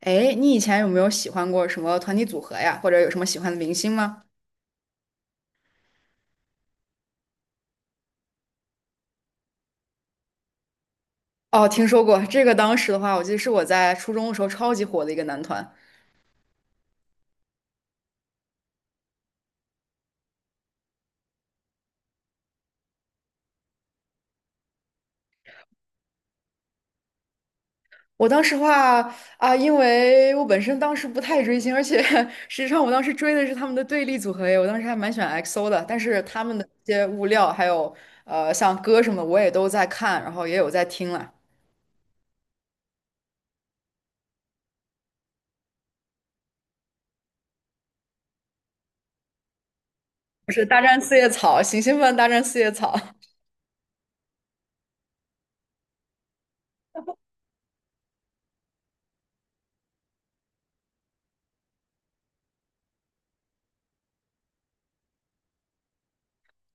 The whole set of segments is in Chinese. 哎，你以前有没有喜欢过什么团体组合呀？或者有什么喜欢的明星吗？哦，听说过这个。当时的话，我记得是我在初中的时候超级火的一个男团。我当时话啊，因为我本身当时不太追星，而且 实际上我当时追的是他们的对立组合耶。我当时还蛮喜欢 XO 的，但是他们的一些物料还有像歌什么的我也都在看，然后也有在听了。就是大战四叶草，行星们大战四叶草。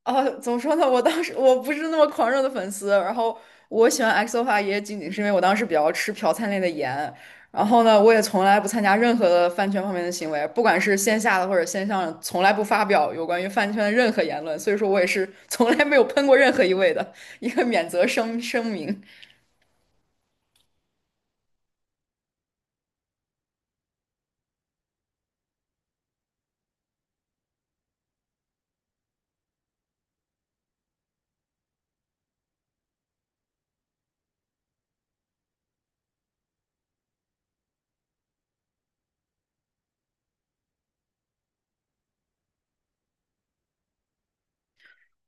哦，怎么说呢？我当时不是那么狂热的粉丝，然后我喜欢 x o 的话，也仅仅是因为我当时比较吃朴灿烈的颜，然后呢，我也从来不参加任何的饭圈方面的行为，不管是线下的或者线上的从来不发表有关于饭圈的任何言论，所以说我也是从来没有喷过任何一位的一个免责声明。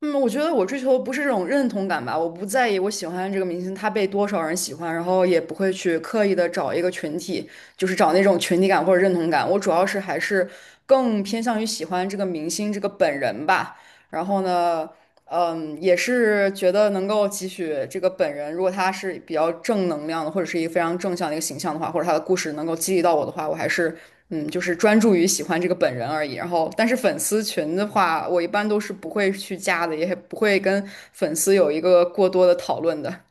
嗯，我觉得我追求的不是这种认同感吧，我不在意我喜欢这个明星他被多少人喜欢，然后也不会去刻意的找一个群体，就是找那种群体感或者认同感。我主要是还是更偏向于喜欢这个明星这个本人吧。然后呢，也是觉得能够汲取这个本人，如果他是比较正能量的，或者是一个非常正向的一个形象的话，或者他的故事能够激励到我的话，我还是就是专注于喜欢这个本人而已。然后，但是粉丝群的话，我一般都是不会去加的，也不会跟粉丝有一个过多的讨论的。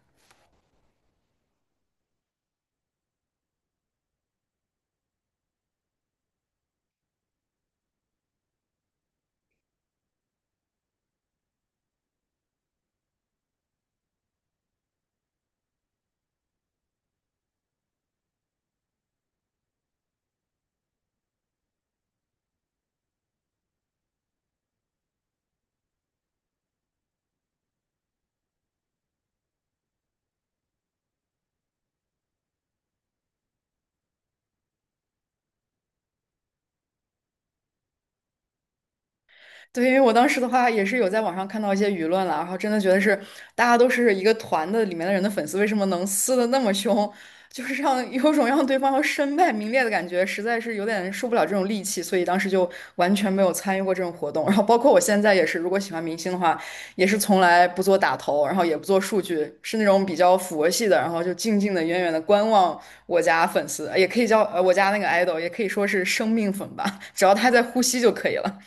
对，因为我当时的话也是有在网上看到一些舆论了，然后真的觉得是大家都是一个团的里面的人的粉丝，为什么能撕的那么凶？就是让有种让对方要身败名裂的感觉，实在是有点受不了这种戾气，所以当时就完全没有参与过这种活动。然后包括我现在也是，如果喜欢明星的话，也是从来不做打头，然后也不做数据，是那种比较佛系的，然后就静静的、远远的观望我家粉丝，也可以叫我家那个 idol,也可以说是生命粉吧，只要他在呼吸就可以了。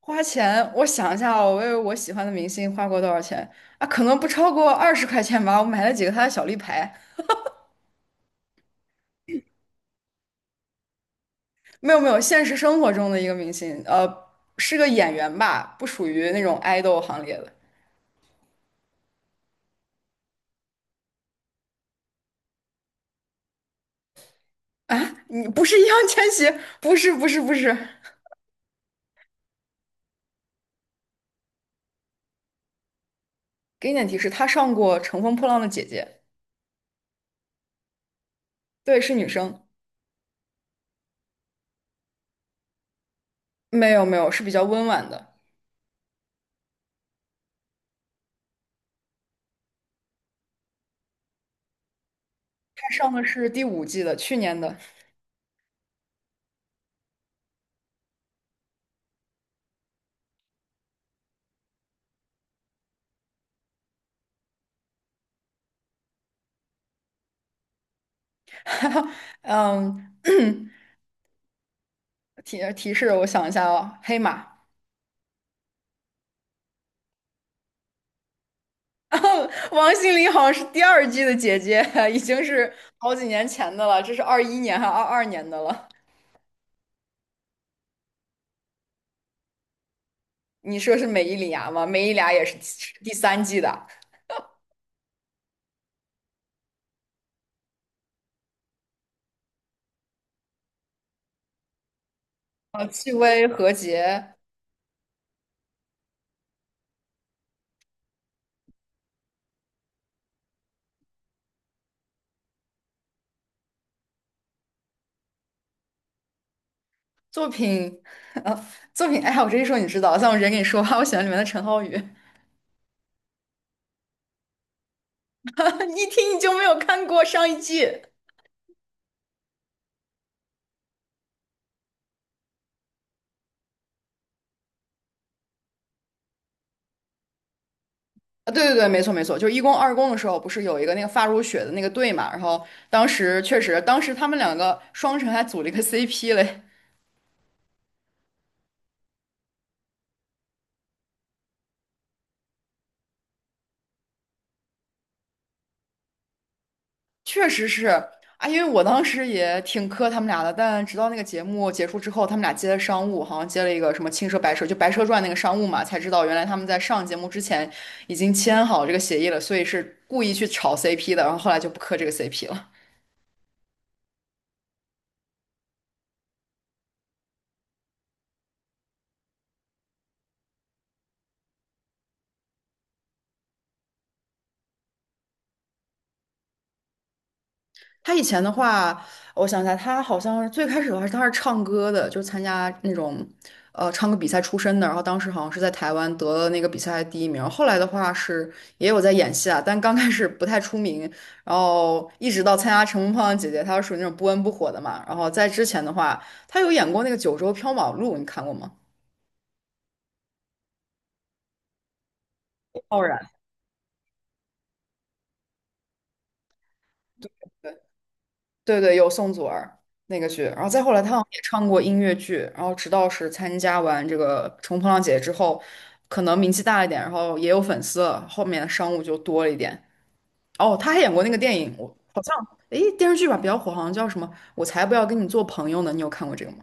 花钱，我想一下哦，我为我喜欢的明星花过多少钱啊？可能不超过20块钱吧。我买了几个他的小立牌。没有没有，现实生活中的一个明星，是个演员吧，不属于那种爱豆行列的啊。你不是易烊千玺？不是不是不是。给你点提示，他上过《乘风破浪的姐姐》，对，是女生。没有没有，是比较温婉的。他上的是第五季的，去年的。嗯，提示，我想一下哦，黑马。然后王心凌好像是第二季的姐姐，已经是好几年前的了，这是21年还22年的了。你说是美依礼芽吗？美依礼芽也是第三季的。戚薇、何洁作品，呃，作品，哎呀，我这一说你知道，但我直接跟你说吧，我喜欢里面的陈浩宇，一听你就没有看过上一季。啊，对对对，没错没错，就是一公二公的时候，不是有一个那个发如雪的那个队嘛？然后当时确实，当时他们两个双城还组了一个 CP 嘞。确实是啊，因为我当时也挺磕他们俩的，但直到那个节目结束之后，他们俩接的商务，好像接了一个什么青蛇白蛇，就《白蛇传》那个商务嘛，才知道原来他们在上节目之前已经签好这个协议了，所以是故意去炒 CP 的，然后后来就不磕这个 CP 了。他以前的话，我想一下，他好像是最开始的话，他是唱歌的，就是参加那种唱歌比赛出身的。然后当时好像是在台湾得了那个比赛第一名。后来的话是也有在演戏啊，但刚开始不太出名，然后一直到参加《乘风破浪姐姐》，他是属于那种不温不火的嘛。然后在之前的话，他有演过那个《九州缥缈录》，你看过吗？傲然。对。对对，有宋祖儿那个剧，然后再后来他好像也唱过音乐剧，然后直到是参加完这个《乘风破浪姐姐》之后，可能名气大一点，然后也有粉丝了，后面的商务就多了一点。哦，他还演过那个电影，我好像诶电视剧吧比较火，好像叫什么《我才不要跟你做朋友呢》，你有看过这个吗？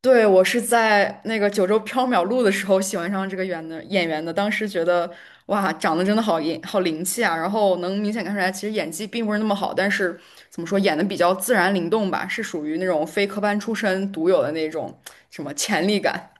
对，我是在那个九州缥缈录的时候喜欢上这个演的演员的，当时觉得哇，长得真的好英好灵气啊，然后能明显看出来，其实演技并不是那么好，但是怎么说，演的比较自然灵动吧，是属于那种非科班出身独有的那种什么潜力感。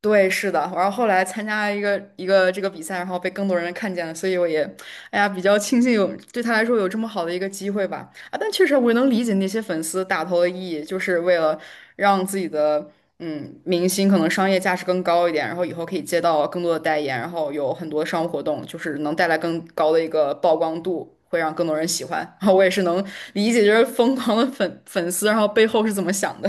对，是的，然后后来参加一个这个比赛，然后被更多人看见了，所以我也，哎呀，比较庆幸有对他来说有这么好的一个机会吧。啊，但确实我也能理解那些粉丝打投的意义，就是为了让自己的明星可能商业价值更高一点，然后以后可以接到更多的代言，然后有很多商务活动，就是能带来更高的一个曝光度，会让更多人喜欢。然后我也是能理解，就是疯狂的粉丝，然后背后是怎么想的。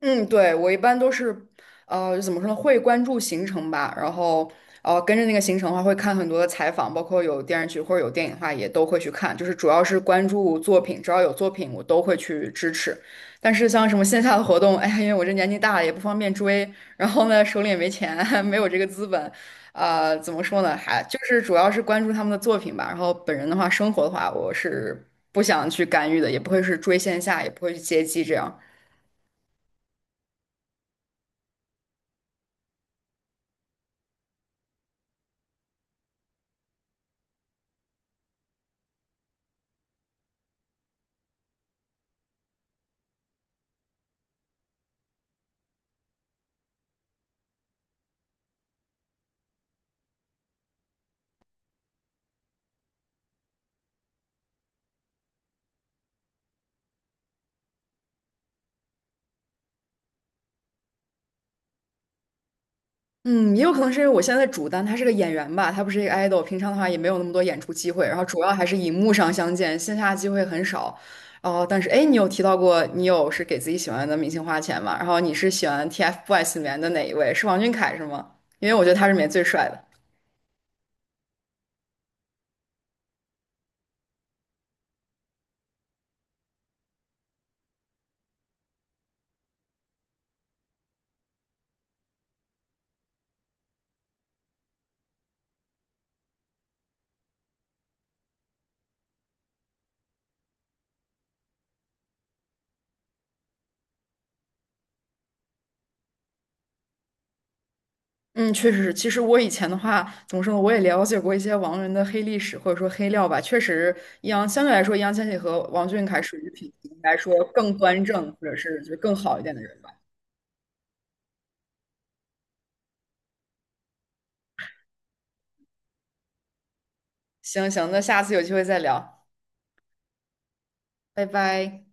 嗯，对，我一般都是，怎么说呢，会关注行程吧，然后，跟着那个行程的话，会看很多的采访，包括有电视剧或者有电影的话，也都会去看，就是主要是关注作品，只要有作品，我都会去支持。但是像什么线下的活动，哎呀，因为我这年纪大了，也不方便追，然后呢，手里也没钱，没有这个资本，怎么说呢，还就是主要是关注他们的作品吧。然后本人的话，生活的话，我是不想去干预的，也不会是追线下，也不会去接机这样。嗯，也有可能是因为我现在的主单他是个演员吧，他不是一个 idol,平常的话也没有那么多演出机会，然后主要还是荧幕上相见，线下机会很少。哦，但是哎，你有提到过你有是给自己喜欢的明星花钱吗？然后你是喜欢 TFBOYS 里面的哪一位？是王俊凯是吗？因为我觉得他是里面最帅的。嗯，确实是。其实我以前的话，怎么说呢？我也了解过一些王源的黑历史或者说黑料吧。确实，相对来说，易烊千玺和王俊凯属于品行来说更端正，或者是就是更好一点的人。行行，那下次有机会再聊，拜拜。